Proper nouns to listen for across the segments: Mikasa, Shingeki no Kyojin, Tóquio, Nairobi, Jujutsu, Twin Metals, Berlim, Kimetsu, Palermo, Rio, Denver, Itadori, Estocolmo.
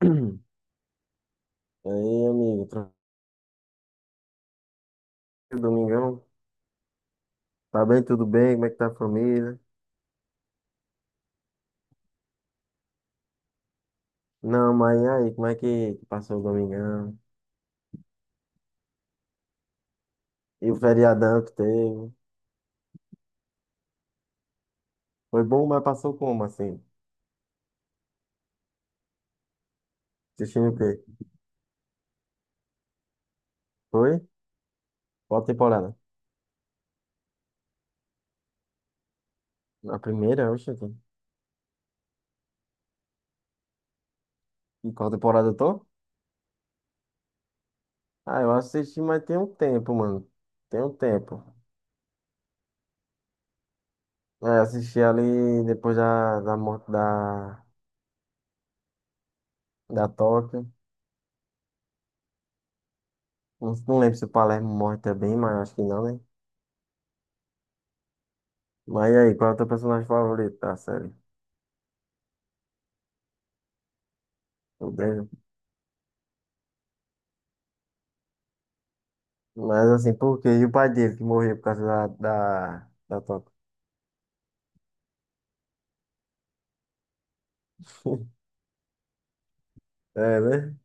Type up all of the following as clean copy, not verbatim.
E aí, amigo, tranquilo, domingão? Tá bem, tudo bem? Como é que tá a família? Não, mas e aí, como é que passou o domingão? E o feriadão que teve? Foi bom, mas passou como, assim? Assistindo o quê? Foi? Qual temporada? A primeira, oxe. Então. E qual temporada eu tô? Ah, eu assisti, mas tem um tempo, mano. Tem um tempo. É, assisti ali depois da morte da Tóquio. Não, não lembro se o Palermo morre também, mas acho que não, né? Mas e aí, qual é o teu personagem favorito da série? Tudo bem. Mas assim, por quê? E o pai dele que morreu por causa da toca? É, né?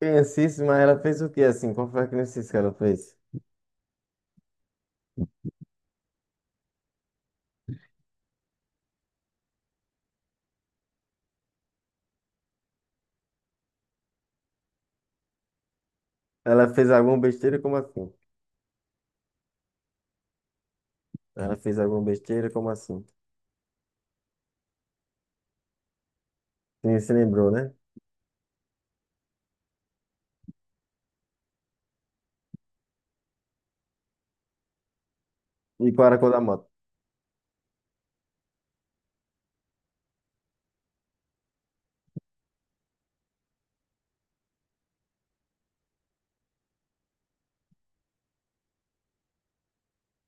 Criancice, mas ela fez o quê assim? Qual foi a criancice que ela fez? Ela fez alguma besteira, como assim? Ela fez alguma besteira, como assim? Sim, se lembrou, né? E qual era a cor da moto?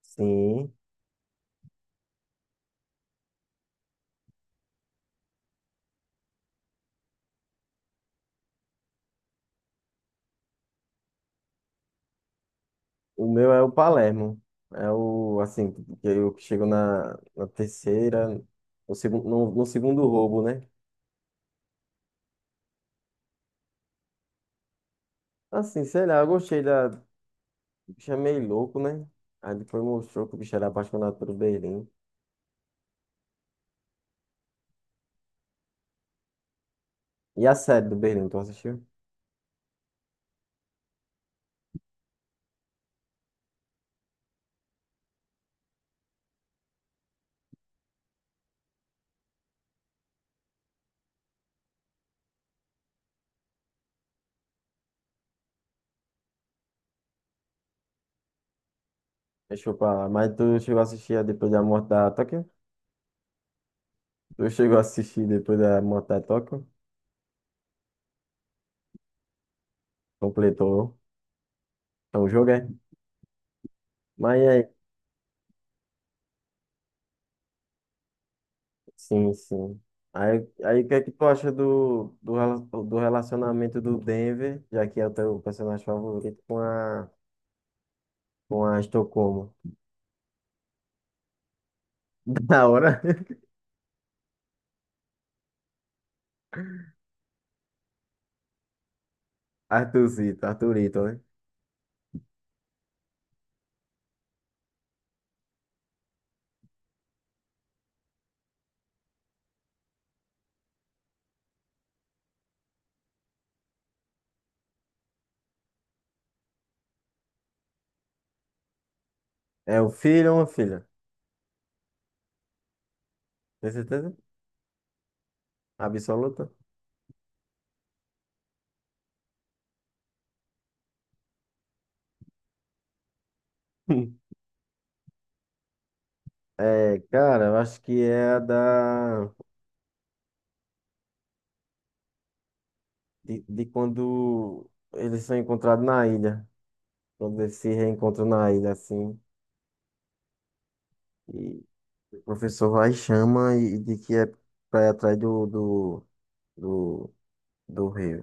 Sim. O meu é o Palermo. É o, assim, que eu chego na, na terceira, no segundo roubo, né? Assim, sei lá, eu gostei da, bicho é meio louco, né? Aí depois mostrou que o bicho era apaixonado pelo Berlim. E a série do Berlim, tu assistiu? Deixou pra lá. Mas tu chegou a assistir a depois da morte da Tóquio? Tu chegou a assistir depois da morte da Tóquio? Completou. Então o jogo é. Mas aí, sim, sim. Aí, aí o que é que tu acha do relacionamento do Denver, já que é o teu personagem favorito, com a Estocolmo? Da hora. Arthurzito, Arthurito, né? É o filho ou uma filha? Tem certeza? Absoluta? É, cara, eu acho que é a da. De quando eles são encontrados na ilha. Quando eles se reencontram na ilha, assim. E o professor vai e chama e de que é pra ir atrás do, do rei.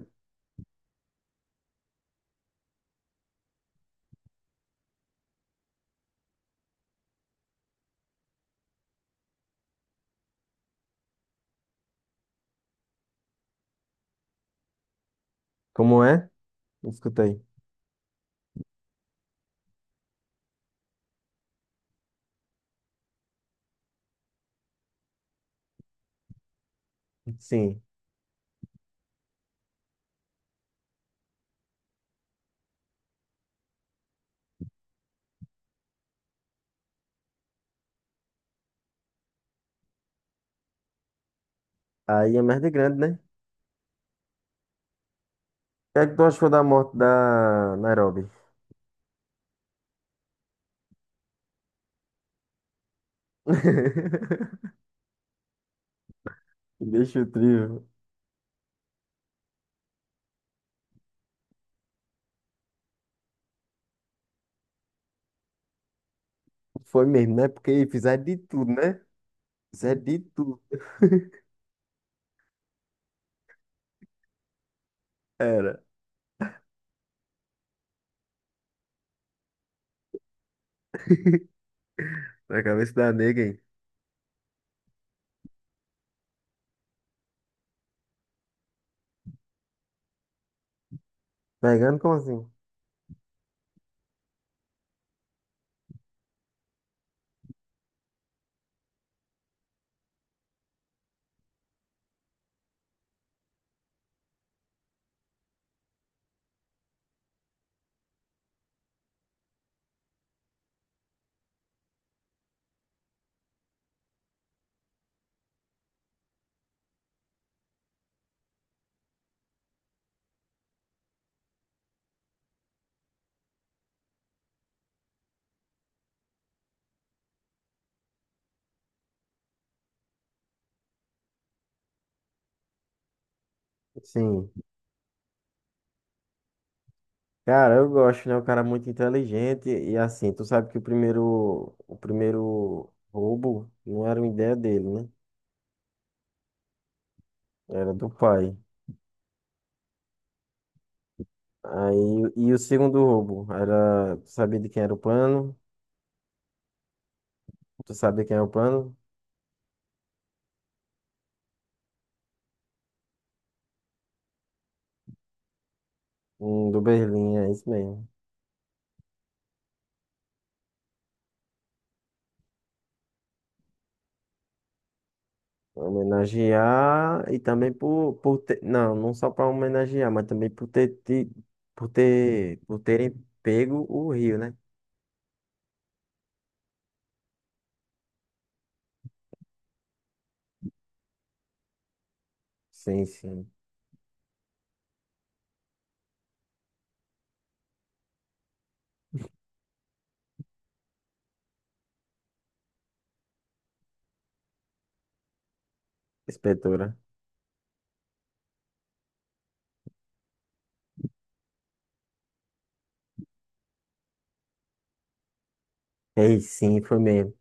Como é? Escuta aí. Sim. Aí é merda grande, né? O que é que tu achou da morte da Nairobi? Deixa o trio. Foi mesmo, né? Porque fizeram de tudo, né? Fizeram de tudo. Era. Na cabeça da nega, hein? Pegando como assim? Sim. Cara, eu gosto, né? O cara é muito inteligente e assim, tu sabe que o primeiro roubo não era uma ideia dele, né? Era do pai. Aí, e o segundo roubo era, tu sabia de quem era o plano? Tu sabia quem era o plano? Do Berlim, é isso mesmo. Homenagear e também por ter, não, não só para homenagear, mas também por ter, ti- por ter, por terem pego o Rio, né? Sim, sim, inspetora. Ei, sim, foi mesmo.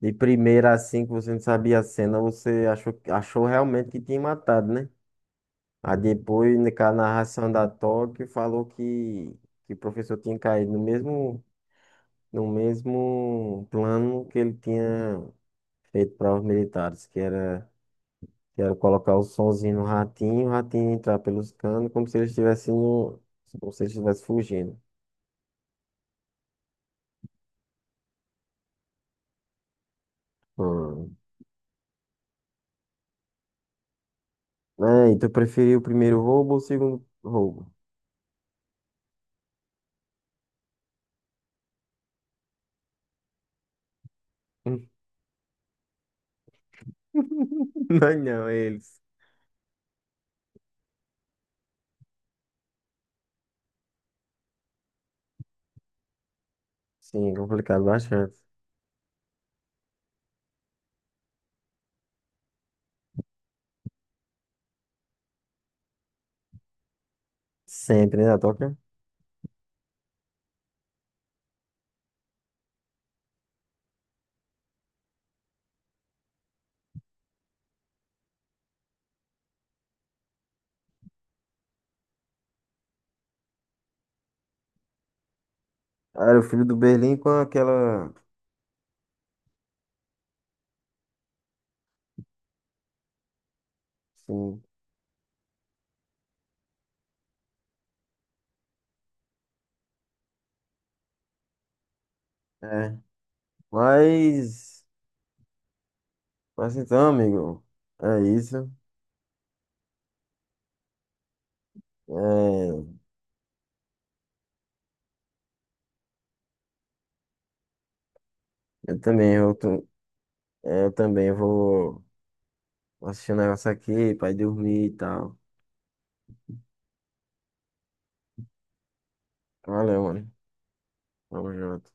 De primeira assim que você não sabia a cena, você achou, achou realmente que tinha matado, né? Aí depois, na com a narração da Tóquio, falou que o professor tinha caído no mesmo, no mesmo plano que ele tinha feito para os militares, que era colocar o sonzinho no ratinho, o ratinho entrar pelos canos, como se ele estivesse no, como se ele estivesse fugindo. Hum. É, e tu preferiu o primeiro roubo ou o segundo roubo? Não, não, eles. Sim, complicado bastante. Sempre, né, a Toca? Ah, era o filho do Berlim com aquela. Sim, é. Mas. Mas então, amigo. É isso. É, eu também, eu, tô- é, eu também vou. Vou assistir um negócio aqui pra ir dormir e tal. Valeu, mano. Tamo junto.